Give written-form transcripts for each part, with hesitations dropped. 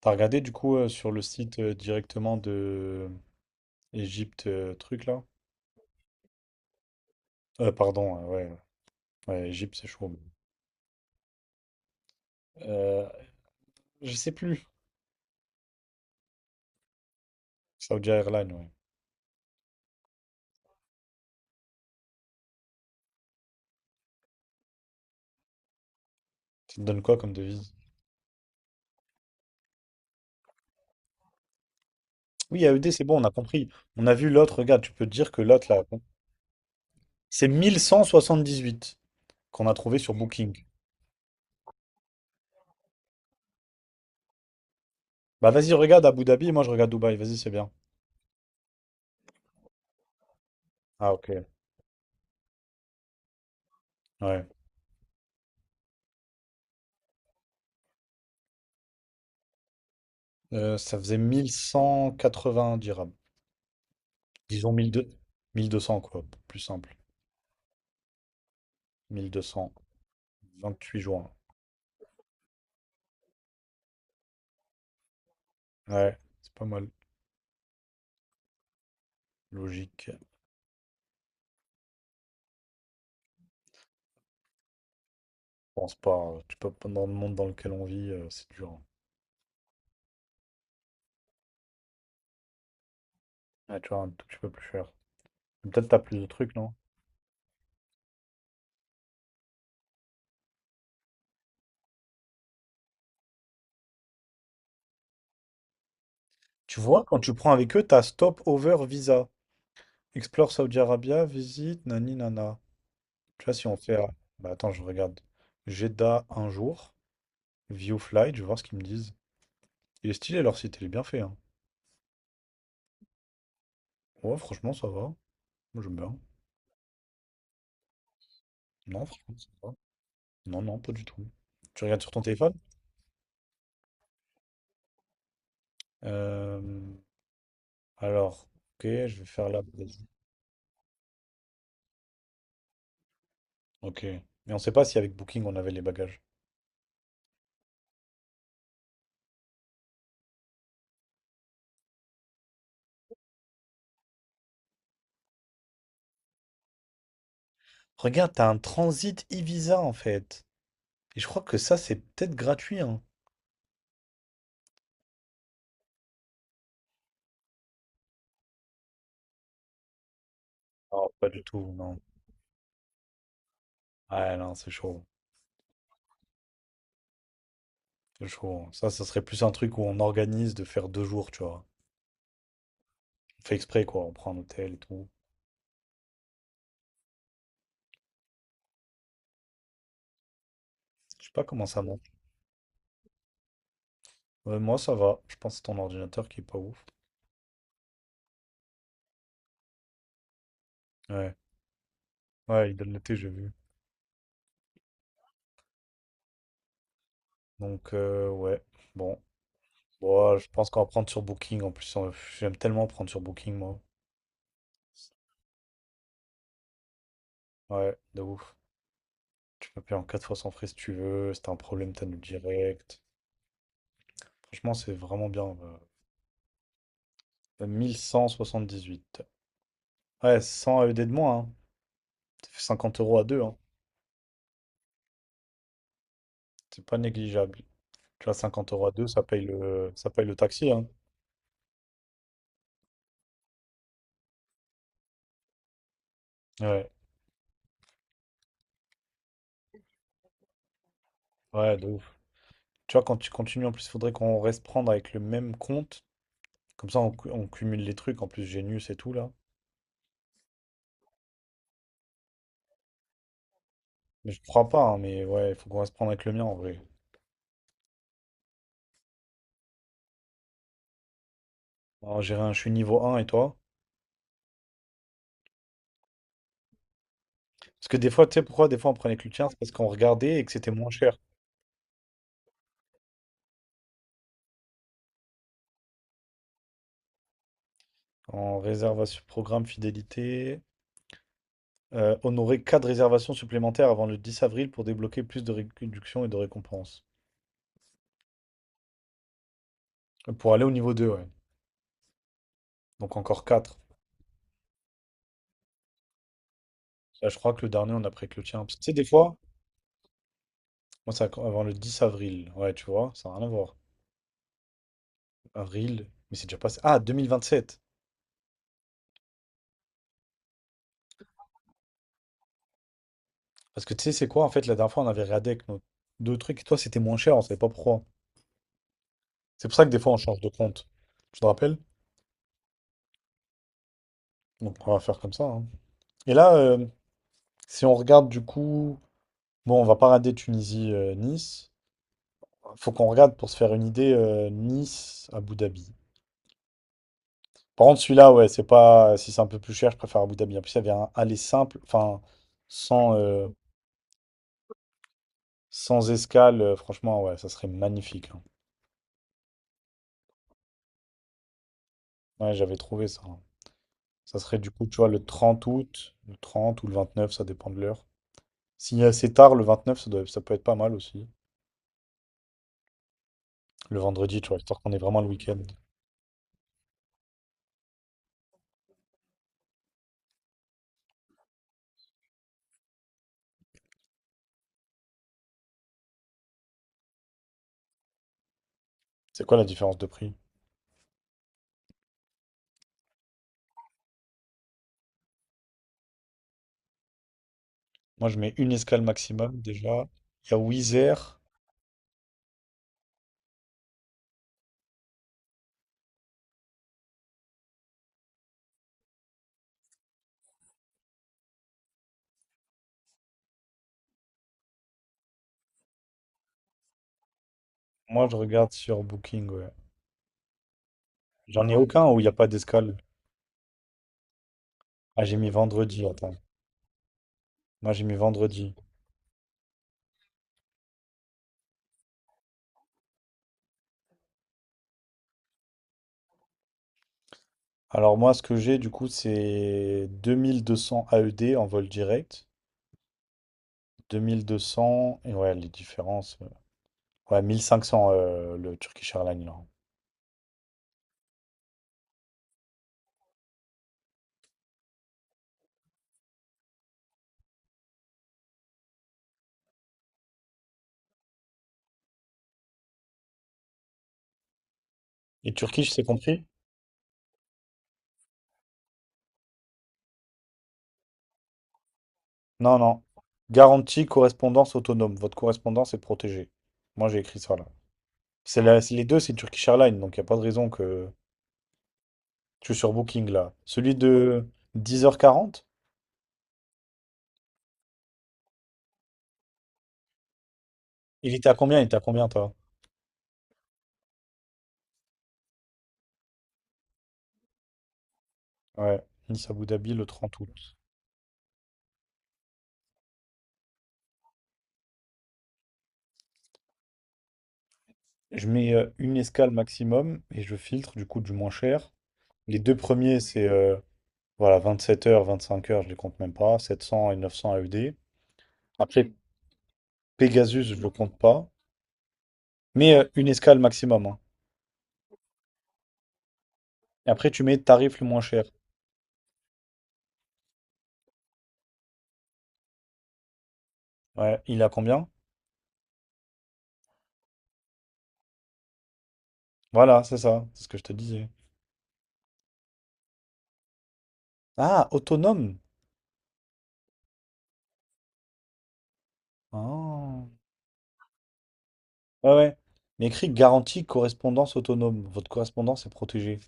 T'as regardé du coup sur le site directement de Égypte truc là? Pardon, ouais, ouais, Égypte c'est chaud. Euh, je sais plus. Saudi Airlines, ouais. Ça te donne quoi comme devise? Oui, AED, c'est bon, on a compris. On a vu l'autre, regarde, tu peux te dire que l'autre là, c'est 1178 qu'on a trouvé sur Booking. Bah vas-y, regarde Abu Dhabi et moi je regarde Dubaï, vas-y, c'est bien. Ah, ok, ouais. Ça faisait 1180 dirhams. Disons mille deux cents, 1200, quoi, plus simple. 1200. 28 juin. Ouais, c'est pas mal. Logique. Je pense pas. Tu peux pas dans le monde dans lequel on vit, c'est dur, hein. Ouais, tu vois, un tout petit peu plus cher. Mais peut-être t'as plus de trucs, non? Tu vois, quand tu prends avec eux, t'as Stop Over Visa. Explore Saudi Arabia, visite, nani nana. Tu vois, si on fait. Bah attends, je regarde. Jeddah un jour, View Flight, je vais voir ce qu'ils me disent. Il est stylé leur site, il est bien fait, hein. Ouais, franchement, ça va. Moi, j'aime bien. Non, franchement, ça va. Non, non, pas du tout. Tu regardes sur ton téléphone? Euh, Alors, ok, je vais faire là. Ok. Mais on sait pas si avec Booking on avait les bagages. Regarde, t'as un transit e-visa en fait. Et je crois que ça, c'est peut-être gratuit, hein. Non, pas du tout, non. Ouais, non, c'est chaud. C'est chaud. Ça serait plus un truc où on organise de faire deux jours, tu vois. On fait exprès, quoi. On prend un hôtel et tout. Je sais pas comment ça monte. Ouais, moi, ça va. Je pense que c'est ton ordinateur qui est pas ouf. Ouais. Ouais, il donne l'été, j'ai vu. Donc, ouais. Bon. Bon, je pense qu'on va prendre sur Booking en plus. J'aime tellement prendre sur Booking, moi. Ouais, de ouf. Tu peux payer en 4 fois sans frais si tu veux. Si t'as un problème, t'annules direct. Franchement, c'est vraiment bien. 1178. Ouais, 100 AED de moins, hein. Ça fait 50 € à deux, hein. C'est pas négligeable. Tu vois, 50 € à deux, ça paye le taxi, hein. Ouais, ouais, de ouf. Tu vois, quand tu continues, en plus, il faudrait qu'on reste prendre avec le même compte. Comme ça, on cumule les trucs. En plus, Genius et tout, là. Mais je crois pas, hein, mais ouais, il faut qu'on reste prendre avec le mien, en vrai. Alors, j'ai rien, je suis niveau un et toi? Parce que des fois, tu sais pourquoi des fois on prenait que le tien, c'est parce qu'on regardait et que c'était moins cher. En réservation, programme fidélité. Honorer 4 réservations supplémentaires avant le 10 avril pour débloquer plus de réductions et de récompenses. Pour aller au niveau deux, ouais. Donc encore quatre. Là, je crois que le dernier, on a pris que le tien. Parce que, tu sais, des fois, moi, c'est avant le 10 avril. Ouais, tu vois, ça n'a rien à voir. Avril, mais c'est déjà passé. Ah, 2027. Parce que tu sais, c'est quoi, en fait, la dernière fois, on avait regardé avec nos deux trucs et toi, c'était moins cher, on savait pas pourquoi. C'est pour ça que des fois, on change de compte. Tu te rappelles? Donc, on va faire comme ça, hein. Et là, si on regarde du coup. Bon, on va pas rater Tunisie-Nice. Faut qu'on regarde pour se faire une idée Nice-Abu Dhabi. Par contre, celui-là, ouais, c'est pas. Si c'est un peu plus cher, je préfère Abu Dhabi. En plus, il y avait un aller simple, enfin, sans, euh, sans escale. Franchement, ouais, ça serait magnifique, hein. Ouais, j'avais trouvé ça, hein. Ça serait du coup, tu vois, le 30 août, le 30 ou le 29, ça dépend de l'heure. S'il y a assez tard, le 29, ça peut être pas mal aussi. Le vendredi, tu vois, histoire qu'on ait vraiment le week-end. C'est quoi la différence de prix? Moi, je mets une escale maximum déjà. Il y a Wizz Air. Moi, je regarde sur Booking, ouais. J'en ai aucun où il n'y a pas d'escale. Ah, j'ai mis vendredi, attends. Moi, j'ai mis vendredi. Alors, moi, ce que j'ai, du coup, c'est 2200 AED en vol direct. 2200, et ouais, les différences. Ouais, 1500 le Turkish Airlines, là. Et Turkish, c'est compris? Non, non. Garantie, correspondance autonome. Votre correspondance est protégée. Moi, j'ai écrit ça, là. C'est les deux, c'est Turkish Airlines, donc il n'y a pas de raison que... Je suis sur Booking, là. Celui de 10h40? Il était à combien? Il était à combien, toi? Ouais, Nice Abu Dhabi le 30 août. Je mets une escale maximum et je filtre du coup du moins cher. Les deux premiers, c'est voilà, 27h, 25 heures, je les compte même pas. 700 et 900 AED. Après, Pegasus, je le compte pas. Mais une escale maximum, hein. Et après, tu mets tarif le moins cher. Ouais, il a combien? Voilà, c'est ça. C'est ce que je te disais. Ah, autonome. Ah. Ouais, ouais. Mais écrit garantie correspondance autonome. Votre correspondance est protégée.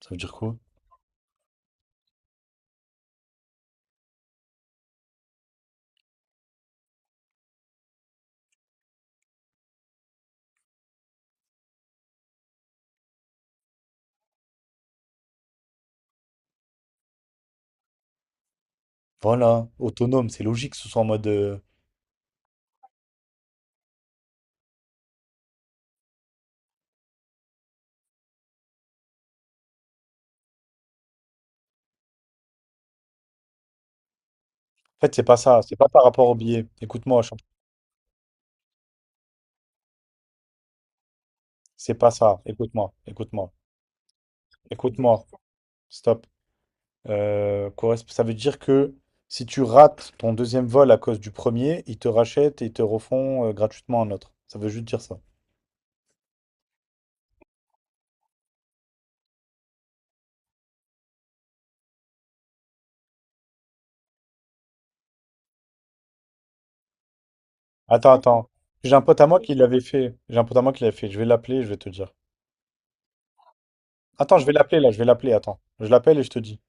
Ça veut dire quoi? Voilà, autonome, c'est logique que ce soit en mode. En fait, c'est pas ça, c'est pas par rapport au billet. Écoute-moi, je suis en- c'est pas ça. Écoute-moi, écoute-moi, écoute-moi. Stop. Ça veut dire que si tu rates ton deuxième vol à cause du premier, ils te rachètent et ils te refont gratuitement un autre. Ça veut juste dire ça. Attends, attends. J'ai un pote à moi qui l'avait fait. J'ai un pote à moi qui l'avait fait. Je vais l'appeler, je vais te dire. Attends, je vais l'appeler là, je vais l'appeler, attends. Je l'appelle et je te dis.